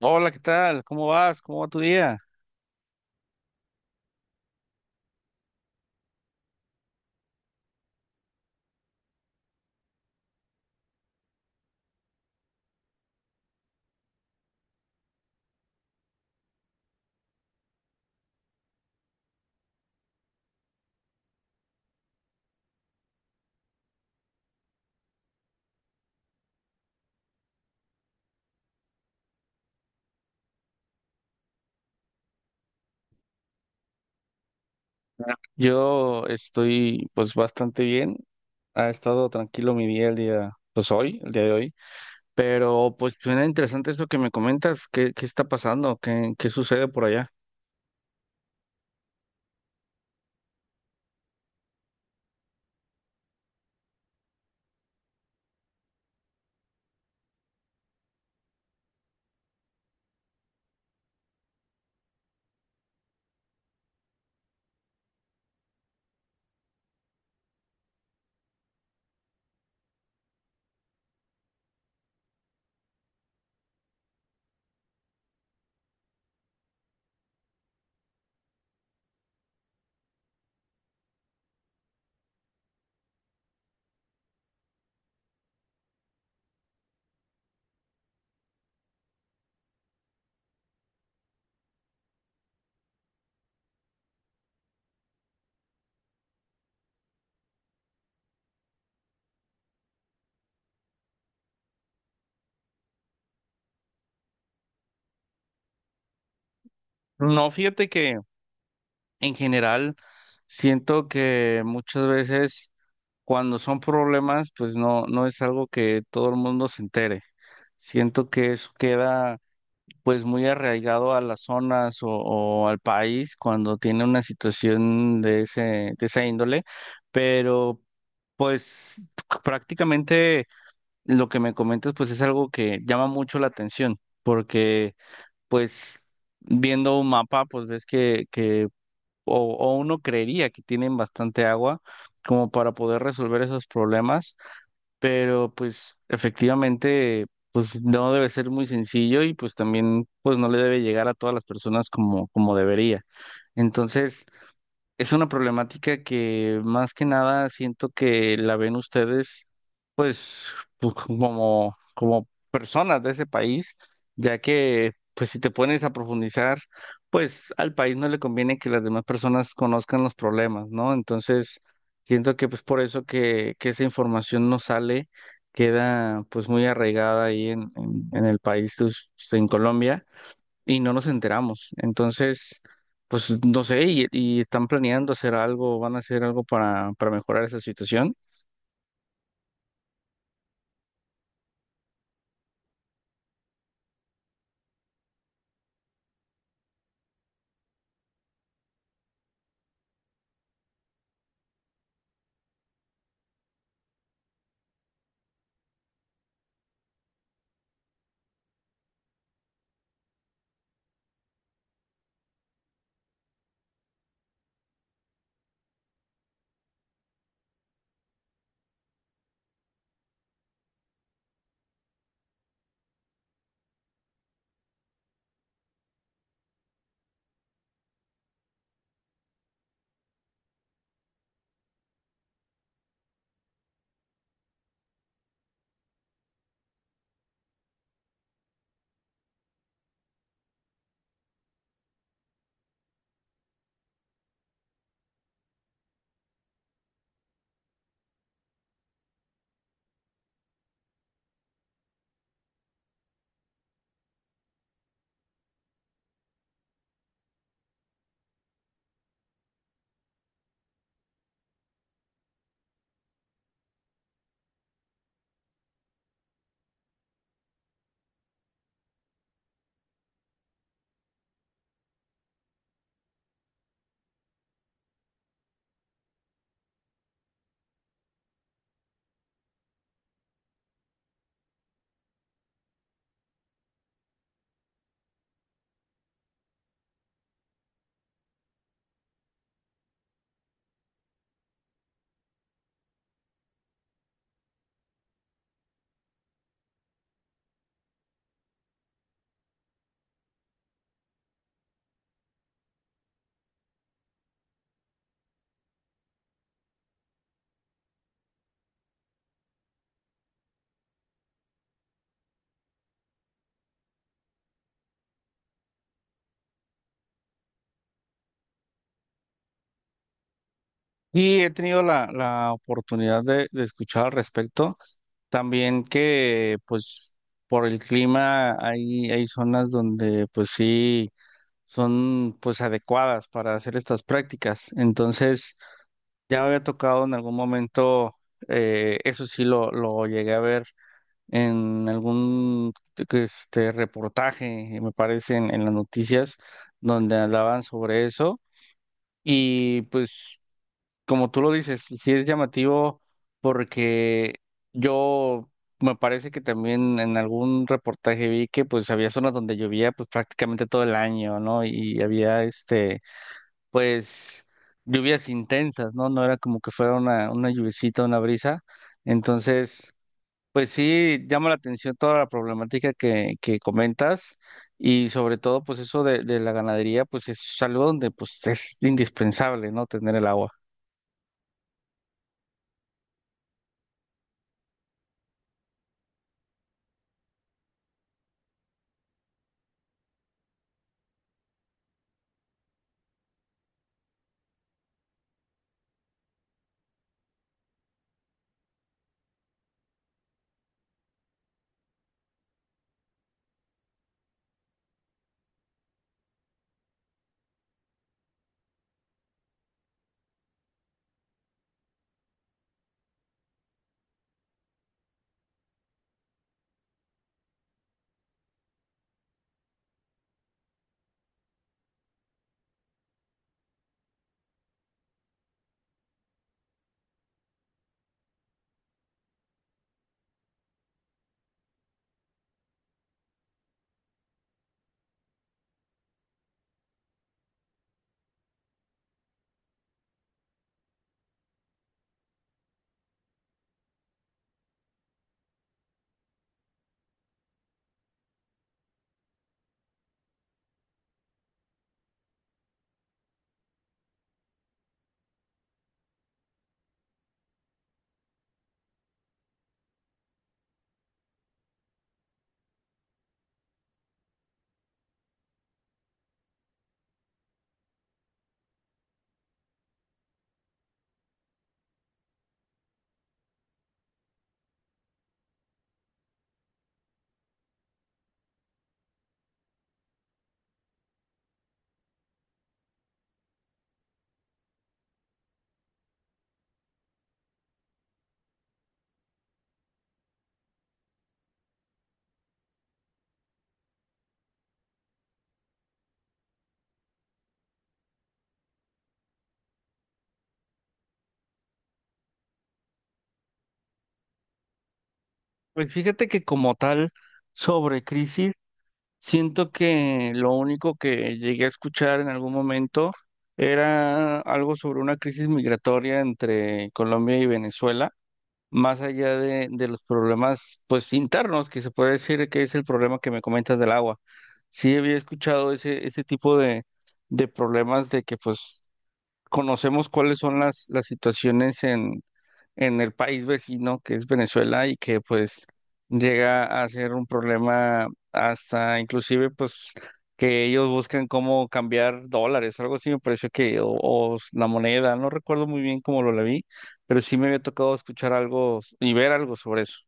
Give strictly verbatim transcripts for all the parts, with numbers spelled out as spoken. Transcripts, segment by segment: Hola, ¿qué tal? ¿Cómo vas? ¿Cómo va tu día? Ah. Yo estoy pues bastante bien. Ha estado tranquilo mi día el día, pues hoy, el día de hoy. Pero pues suena interesante eso que me comentas. ¿Qué, qué está pasando? ¿Qué, qué sucede por allá? No, fíjate que en general siento que muchas veces cuando son problemas, pues no, no es algo que todo el mundo se entere. Siento que eso queda pues muy arraigado a las zonas o, o al país cuando tiene una situación de ese, de esa índole, pero pues prácticamente lo que me comentas pues es algo que llama mucho la atención, porque pues viendo un mapa pues ves que, que o, o uno creería que tienen bastante agua como para poder resolver esos problemas, pero pues efectivamente, pues no debe ser muy sencillo y pues también pues no le debe llegar a todas las personas como, como debería. Entonces, es una problemática que más que nada siento que la ven ustedes pues, pues, como, como personas de ese país, ya que pues si te pones a profundizar, pues al país no le conviene que las demás personas conozcan los problemas, ¿no? Entonces, siento que pues por eso que, que esa información no sale, queda pues muy arraigada ahí en, en, en el país, pues, en Colombia, y no nos enteramos. Entonces, pues no sé, y, y están planeando hacer algo, van a hacer algo para, para mejorar esa situación. Y he tenido la, la oportunidad de, de escuchar al respecto. También que, pues, por el clima hay, hay zonas donde, pues sí, son, pues, adecuadas para hacer estas prácticas. Entonces, ya me había tocado en algún momento, eh, eso sí lo, lo llegué a ver en algún, este, reportaje, me parece, en en las noticias, donde hablaban sobre eso. Y pues como tú lo dices, sí es llamativo porque yo me parece que también en algún reportaje vi que pues había zonas donde llovía pues prácticamente todo el año, ¿no? Y había este, pues lluvias intensas, ¿no? No era como que fuera una, una lluviecita, una brisa. Entonces, pues sí llama la atención toda la problemática que, que comentas. Y sobre todo, pues eso de, de la ganadería, pues es algo donde pues es indispensable, ¿no? Tener el agua. Pues fíjate que como tal, sobre crisis, siento que lo único que llegué a escuchar en algún momento era algo sobre una crisis migratoria entre Colombia y Venezuela, más allá de, de los problemas pues internos, que se puede decir que es el problema que me comentas del agua. Sí había escuchado ese, ese tipo de, de problemas de que pues conocemos cuáles son las, las situaciones en el país vecino que es Venezuela y que pues llega a ser un problema hasta inclusive pues que ellos buscan cómo cambiar dólares, algo así me pareció que, o, o la moneda, no recuerdo muy bien cómo lo la vi, pero sí me había tocado escuchar algo y ver algo sobre eso.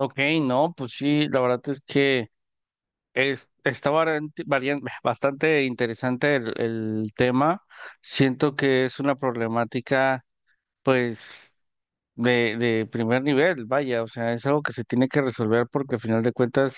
Ok, no, pues sí, la verdad es que es, está variante- varian- bastante interesante el, el tema. Siento que es una problemática, pues de, de primer nivel, vaya, o sea, es algo que se tiene que resolver porque al final de cuentas,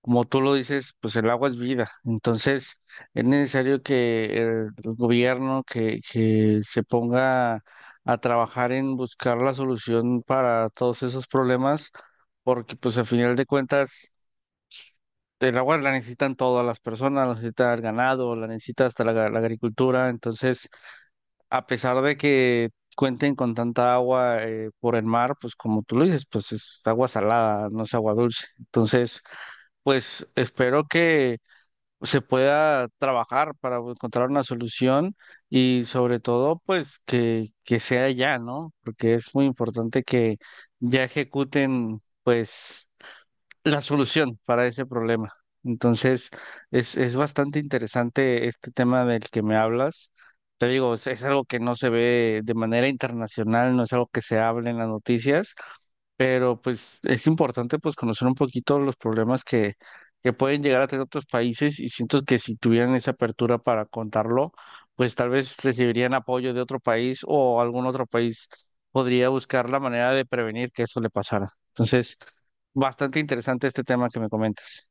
como tú lo dices, pues el agua es vida. Entonces, es necesario que el gobierno que, que se ponga a trabajar en buscar la solución para todos esos problemas, porque pues al final de cuentas, el agua la necesitan todas las personas, la necesita el ganado, la necesita hasta la la agricultura, entonces a pesar de que cuenten con tanta agua eh, por el mar, pues como tú lo dices, pues es agua salada, no es agua dulce. Entonces, pues espero que se pueda trabajar para encontrar una solución y sobre todo, pues que, que sea ya, ¿no? Porque es muy importante que ya ejecuten, pues la solución para ese problema. Entonces, es, es bastante interesante este tema del que me hablas. Te digo, es, es algo que no se ve de manera internacional, no es algo que se hable en las noticias, pero pues es importante pues conocer un poquito los problemas que, que pueden llegar a tener otros países y siento que si tuvieran esa apertura para contarlo, pues tal vez recibirían apoyo de otro país o algún otro país podría buscar la manera de prevenir que eso le pasara. Entonces, bastante interesante este tema que me comentas.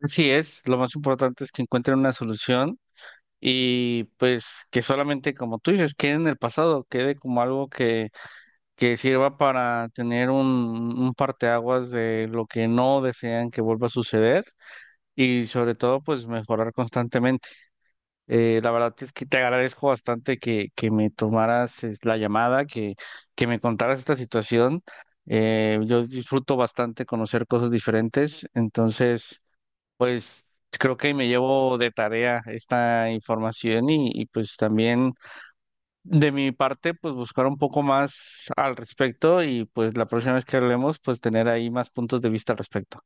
Así es, lo más importante es que encuentren una solución y pues que solamente, como tú dices, quede en el pasado, quede como algo que que sirva para tener un, un parteaguas de lo que no desean que vuelva a suceder y sobre todo pues mejorar constantemente. Eh, la verdad es que te agradezco bastante que, que me tomaras eh, la llamada, que, que me contaras esta situación. Eh, yo disfruto bastante conocer cosas diferentes, entonces pues creo que me llevo de tarea esta información y, y pues también... De mi parte, pues buscar un poco más al respecto y pues la próxima vez que hablemos, pues tener ahí más puntos de vista al respecto.